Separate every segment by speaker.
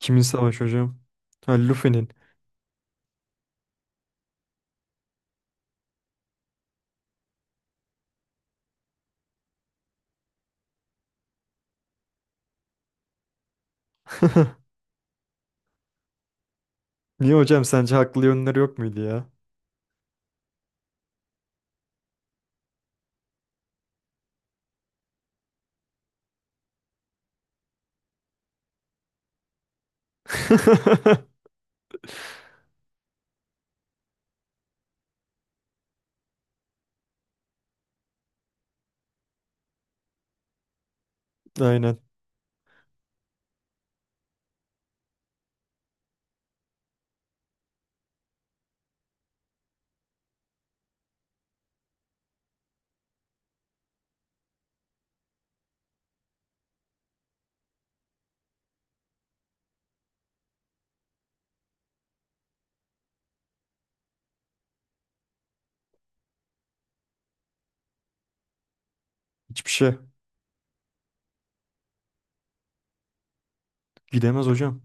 Speaker 1: Kimin savaşı hocam? Ha, Luffy'nin. Niye hocam sence haklı yönleri yok muydu ya? Aynen. Hiçbir şey. Gidemez hocam.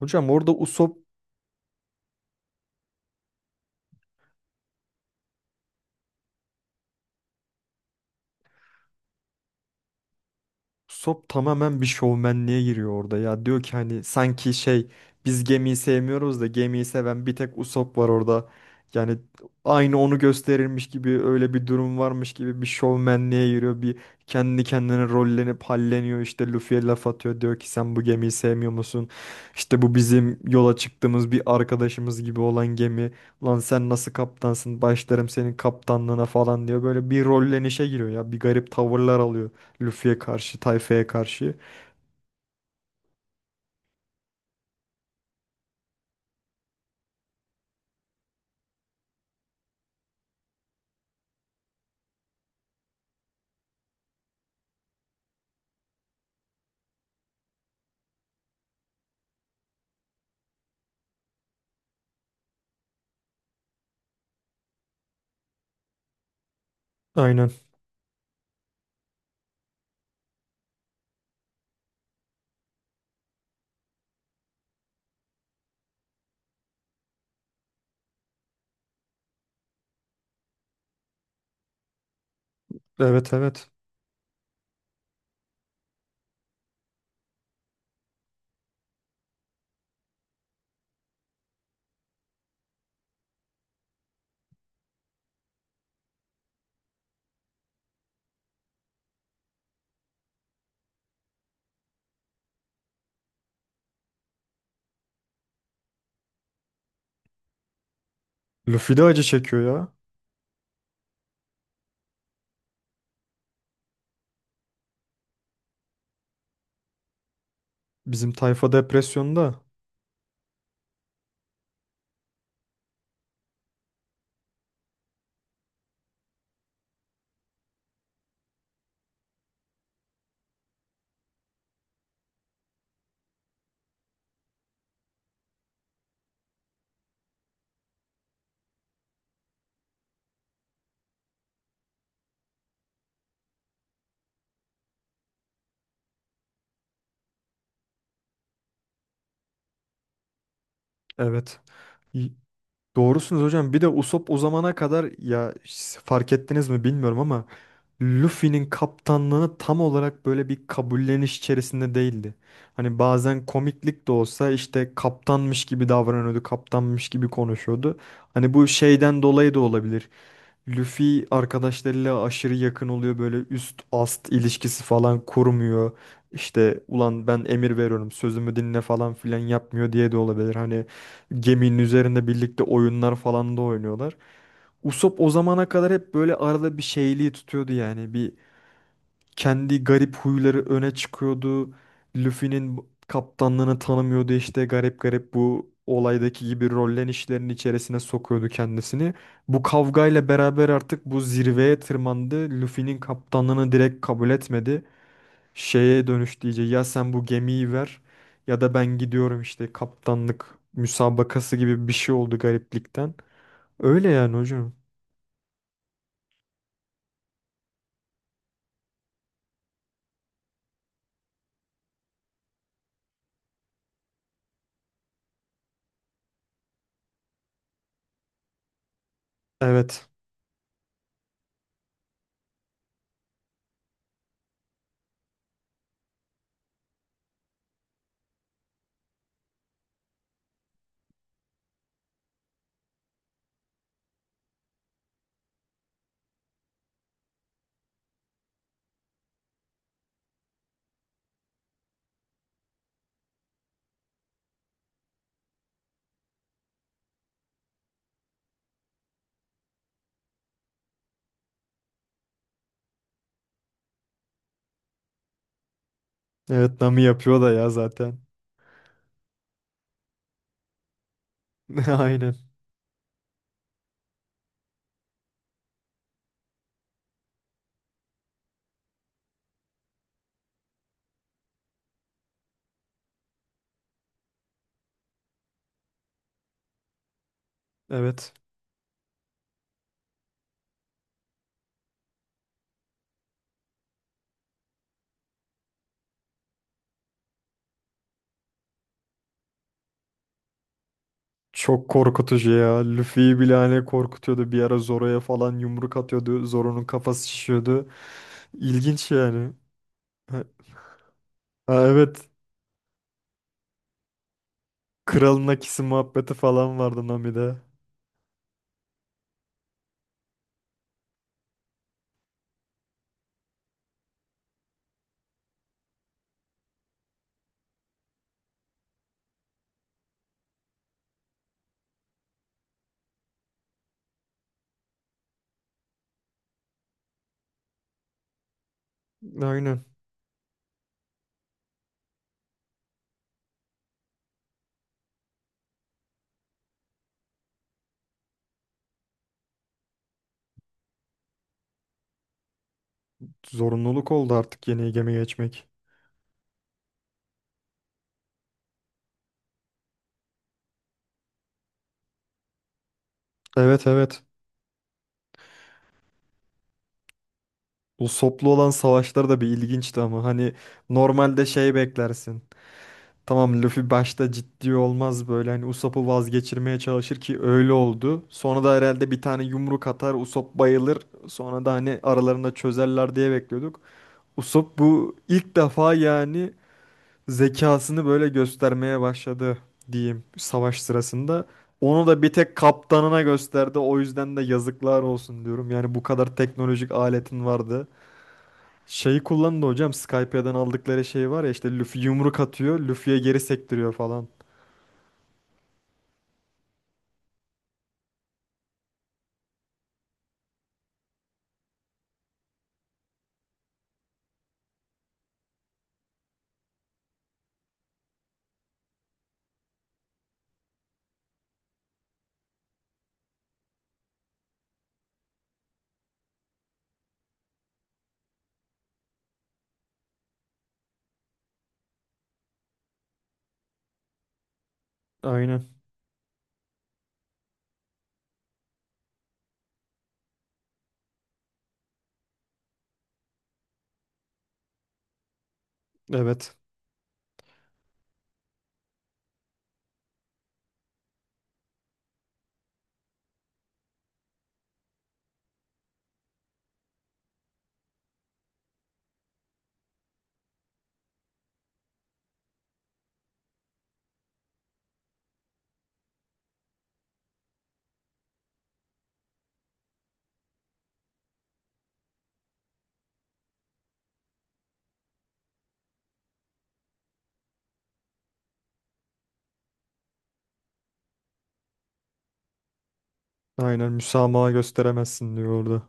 Speaker 1: Hocam orada Usopp Sop tamamen bir şovmenliğe giriyor orada ya. Diyor ki hani sanki şey biz gemiyi sevmiyoruz da gemiyi seven bir tek Usopp var orada. Yani aynı onu gösterilmiş gibi öyle bir durum varmış gibi bir şovmenliğe giriyor. Bir kendi kendine rollenip halleniyor işte Luffy'ye laf atıyor. Diyor ki sen bu gemiyi sevmiyor musun? İşte bu bizim yola çıktığımız bir arkadaşımız gibi olan gemi. Lan sen nasıl kaptansın? Başlarım senin kaptanlığına falan diyor. Böyle bir rollenişe giriyor ya. Bir garip tavırlar alıyor. Luffy'ye karşı, tayfaya karşı. Aynen. Evet, evet. Luffy de acı çekiyor ya. Bizim tayfa depresyonda. Evet. Y- Doğrusunuz hocam. Bir de Usopp o zamana kadar ya fark ettiniz mi bilmiyorum ama Luffy'nin kaptanlığını tam olarak böyle bir kabulleniş içerisinde değildi. Hani bazen komiklik de olsa işte kaptanmış gibi davranıyordu, kaptanmış gibi konuşuyordu. Hani bu şeyden dolayı da olabilir. Luffy arkadaşlarıyla aşırı yakın oluyor böyle üst ast ilişkisi falan kurmuyor. İşte ulan ben emir veriyorum sözümü dinle falan filan yapmıyor diye de olabilir. Hani geminin üzerinde birlikte oyunlar falan da oynuyorlar. Usopp o zamana kadar hep böyle arada bir şeyliği tutuyordu yani. Bir kendi garip huyları öne çıkıyordu. Luffy'nin kaptanlığını tanımıyordu işte garip garip bu olaydaki gibi rollenişlerin içerisine sokuyordu kendisini. Bu kavgayla beraber artık bu zirveye tırmandı. Luffy'nin kaptanlığını direkt kabul etmedi. Şeye dönüştü iyice ya sen bu gemiyi ver ya da ben gidiyorum işte kaptanlık müsabakası gibi bir şey oldu gariplikten. Öyle yani hocam. Evet. Evet, Nami yapıyor da ya zaten. Aynen. Evet. Çok korkutucu ya. Luffy'yi bile hani korkutuyordu. Bir ara Zoro'ya falan yumruk atıyordu. Zoro'nun kafası şişiyordu. İlginç yani. Ha, ha, evet. Kralın Akisi muhabbeti falan vardı Nami'de. Aynen. Zorunluluk oldu artık yeni gemiye geçmek. Evet, evet. Bu soplu olan savaşlar da bir ilginçti ama hani normalde şey beklersin. Tamam Luffy başta ciddi olmaz böyle hani Usopp'u vazgeçirmeye çalışır ki öyle oldu. Sonra da herhalde bir tane yumruk atar Usopp bayılır. Sonra da hani aralarında çözerler diye bekliyorduk. Usopp bu ilk defa yani zekasını böyle göstermeye başladı diyeyim savaş sırasında. Onu da bir tek kaptanına gösterdi. O yüzden de yazıklar olsun diyorum. Yani bu kadar teknolojik aletin vardı. Şeyi kullandı hocam Skype'den aldıkları şey var ya işte Luffy yumruk atıyor. Luffy'ye geri sektiriyor falan. Aynen. Evet. Aynen müsamaha gösteremezsin diyor orada.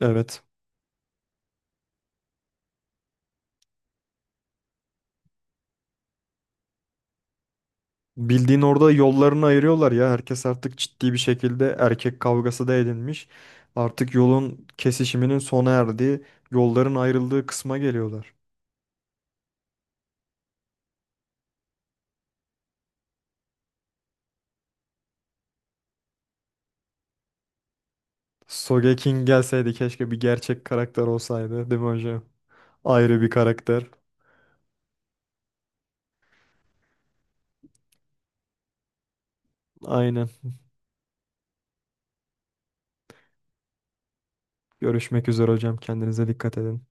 Speaker 1: Evet. Bildiğin orada yollarını ayırıyorlar ya. Herkes artık ciddi bir şekilde erkek kavgası da edinmiş. Artık yolun kesişiminin sona erdiği, yolların ayrıldığı kısma geliyorlar. Sogeking gelseydi keşke bir gerçek karakter olsaydı, değil mi hocam? Ayrı bir karakter. Aynen. Görüşmek üzere hocam. Kendinize dikkat edin.